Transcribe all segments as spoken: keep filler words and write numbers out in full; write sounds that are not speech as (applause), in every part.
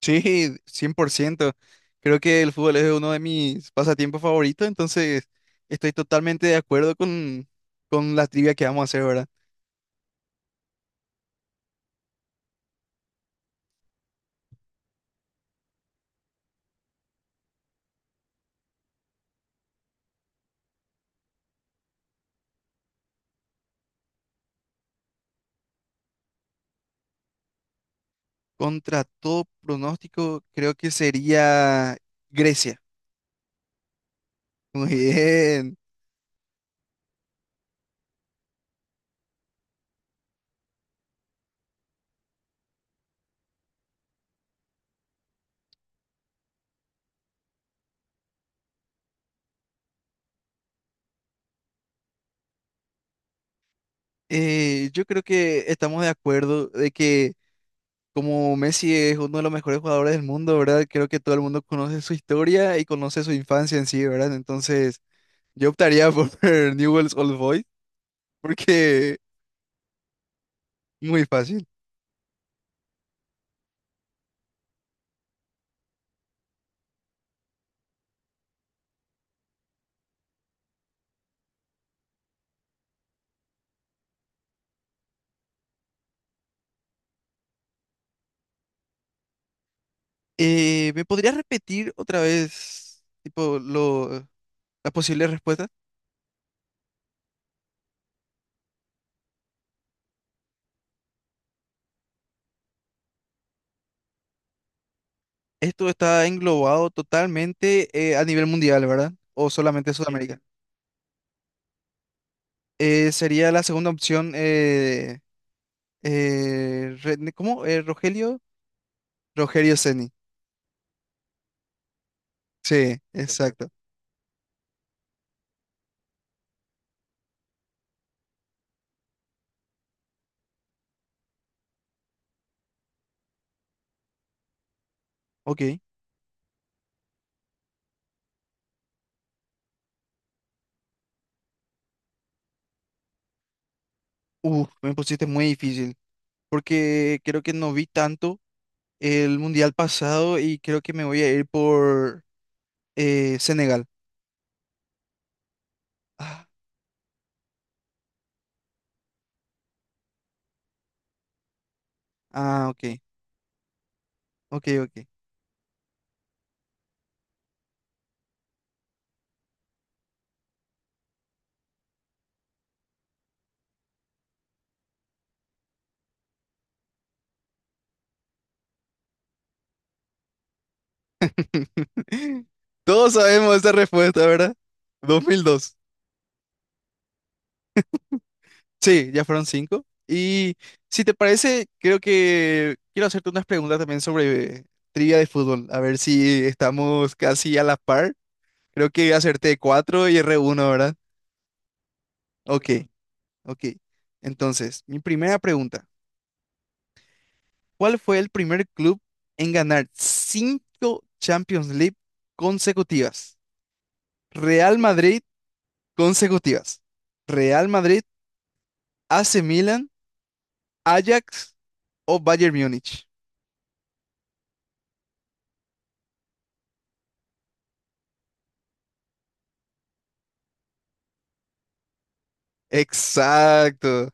Sí, cien por ciento. Creo que el fútbol es uno de mis pasatiempos favoritos, entonces estoy totalmente de acuerdo con, con la trivia que vamos a hacer, ¿verdad? Contra todo pronóstico, creo que sería Grecia. Muy bien. Eh, yo creo que estamos de acuerdo de que como Messi es uno de los mejores jugadores del mundo, ¿verdad? Creo que todo el mundo conoce su historia y conoce su infancia en sí, ¿verdad? Entonces yo optaría por (laughs) Newell's Old Boys porque muy fácil. Eh, ¿me podrías repetir otra vez, tipo, lo, las posibles respuestas? Esto está englobado totalmente eh, a nivel mundial, ¿verdad? O solamente sí. Sudamérica. Eh, sería la segunda opción, eh, eh, Re- ¿cómo? Eh, Rogelio. Rogelio Ceni. Sí, exacto. Exacto. Ok. Uf, me pusiste muy difícil, porque creo que no vi tanto el mundial pasado y creo que me voy a ir por eh, Senegal. Ah, ah, ok, ok, ok. (laughs) Todos sabemos esta respuesta, ¿verdad? dos mil dos. Sí, ya fueron cinco. Y si te parece, creo que quiero hacerte unas preguntas también sobre trivia de fútbol. A ver si estamos casi a la par. Creo que acerté cuatro y erré uno, ¿verdad? Ok, ok. Entonces, mi primera pregunta. ¿Cuál fue el primer club en ganar cinco Champions League consecutivas? Real Madrid consecutivas. Real Madrid, A C Milan, Ajax o Bayern Múnich. Exacto.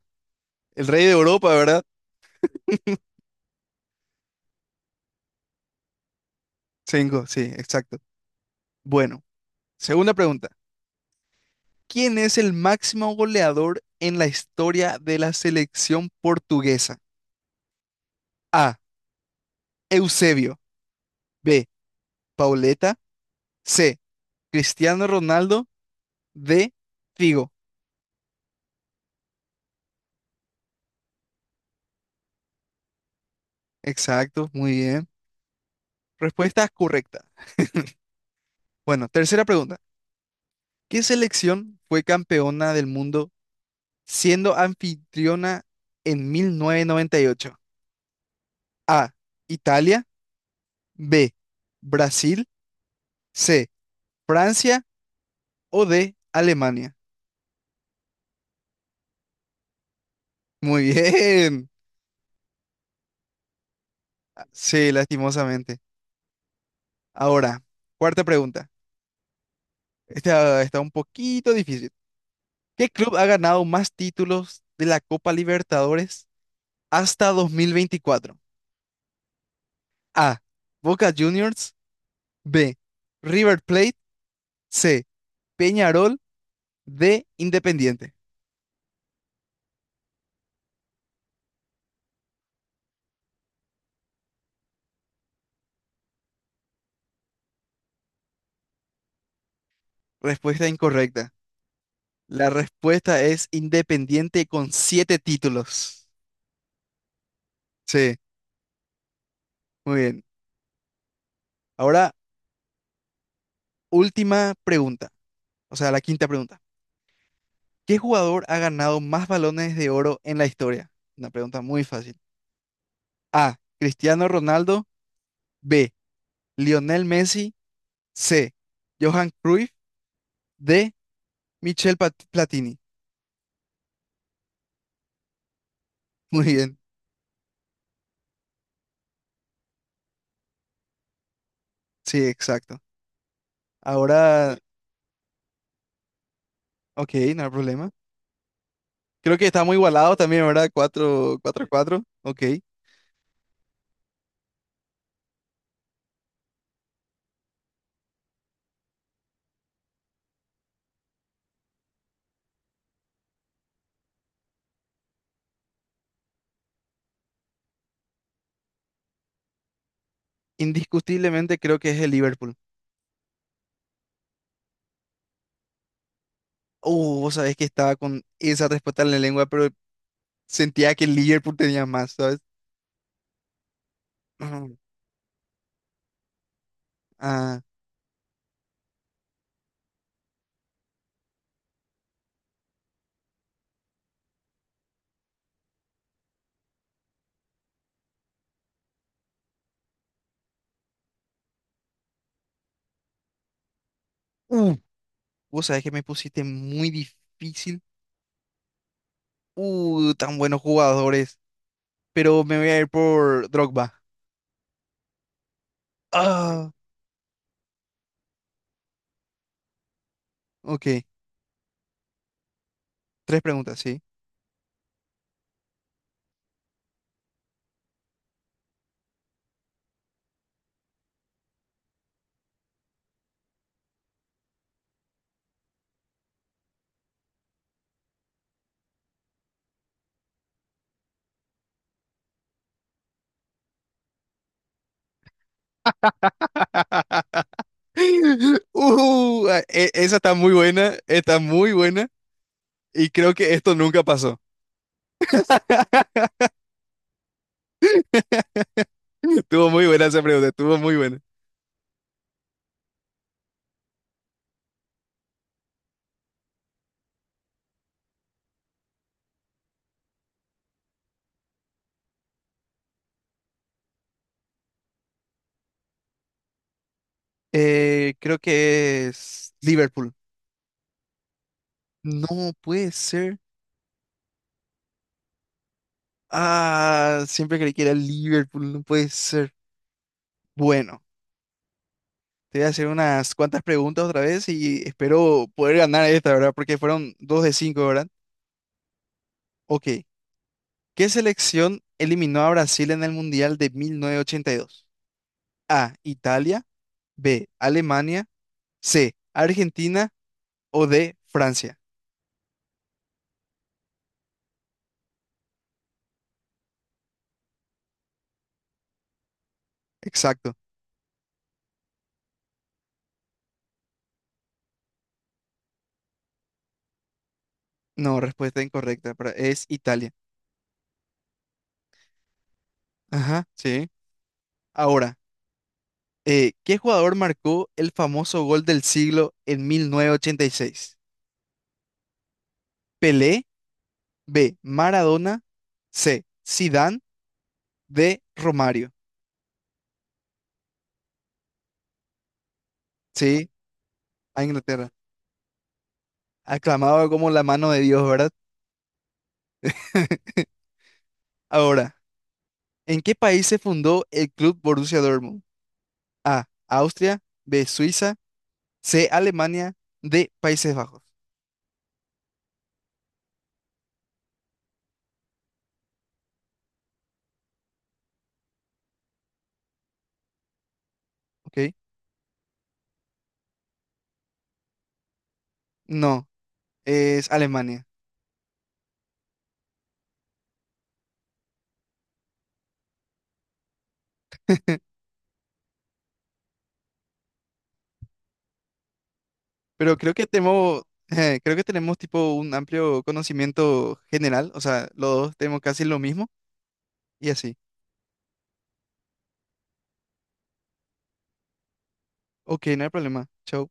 El rey de Europa, ¿verdad? Cinco, sí, exacto. Bueno, segunda pregunta. ¿Quién es el máximo goleador en la historia de la selección portuguesa? A, Eusebio. B, Pauleta. C, Cristiano Ronaldo. D, Figo. Exacto, muy bien. Respuesta correcta. Bueno, tercera pregunta. ¿Qué selección fue campeona del mundo siendo anfitriona en mil novecientos noventa y ocho? A, Italia. B, Brasil. C, Francia. O D, Alemania. Muy bien. Sí, lastimosamente. Ahora, cuarta pregunta. Esta está un poquito difícil. ¿Qué club ha ganado más títulos de la Copa Libertadores hasta dos mil veinticuatro? A, Boca Juniors. B, River Plate. C, Peñarol de Independiente. Respuesta incorrecta. La respuesta es Independiente con siete títulos. Sí, muy bien. Ahora, última pregunta, o sea, la quinta pregunta. ¿Qué jugador ha ganado más balones de oro en la historia? Una pregunta muy fácil. A, Cristiano Ronaldo. B, Lionel Messi. C, Johan Cruyff. D, Michel Pat- Platini. Muy bien, sí, exacto. Ahora, ok, no hay problema. Creo que estamos igualados también, verdad, cuatro, cuatro, cuatro, ok. Indiscutiblemente creo que es el Liverpool. Uh, vos sabés que estaba con esa respuesta en la lengua, pero sentía que el Liverpool tenía más, ¿sabes? (clears throat) Ah, uh, vos sabés que me pusiste muy difícil. Uh, tan buenos jugadores. Pero me voy a ir por Drogba. Ah, ok. Tres preguntas, ¿sí? (laughs) (laughs) Uh, ah, e- esa está muy buena, está muy buena y creo que esto nunca pasó. (laughs) Estuvo muy buena esa pregunta, estuvo muy buena. Eh, creo que es Liverpool. No puede ser. Ah, siempre creí que era Liverpool, no puede ser. Bueno, te voy a hacer unas cuantas preguntas otra vez y espero poder ganar esta, ¿verdad? Porque fueron dos de cinco, ¿verdad? Ok. ¿Qué selección eliminó a Brasil en el Mundial de mil novecientos ochenta y dos? A, Italia. B, Alemania. C, Argentina. O D, Francia. Exacto. No, respuesta incorrecta, pero es Italia. Ajá, sí. Ahora, eh, ¿qué jugador marcó el famoso gol del siglo en mil novecientos ochenta y seis? Pelé, B, Maradona, C, Zidane, D, Romario. Sí, a Inglaterra. Aclamado como la mano de Dios, ¿verdad? (laughs) Ahora, ¿en qué país se fundó el club Borussia Dortmund? A, Austria. B, Suiza. C, Alemania. D, Países Bajos. ¿Ok? No, es Alemania. (laughs) Pero creo que tenemos, (laughs) creo que tenemos tipo un amplio conocimiento general. O sea, los dos tenemos casi lo mismo y así. Ok, no hay problema. Chau.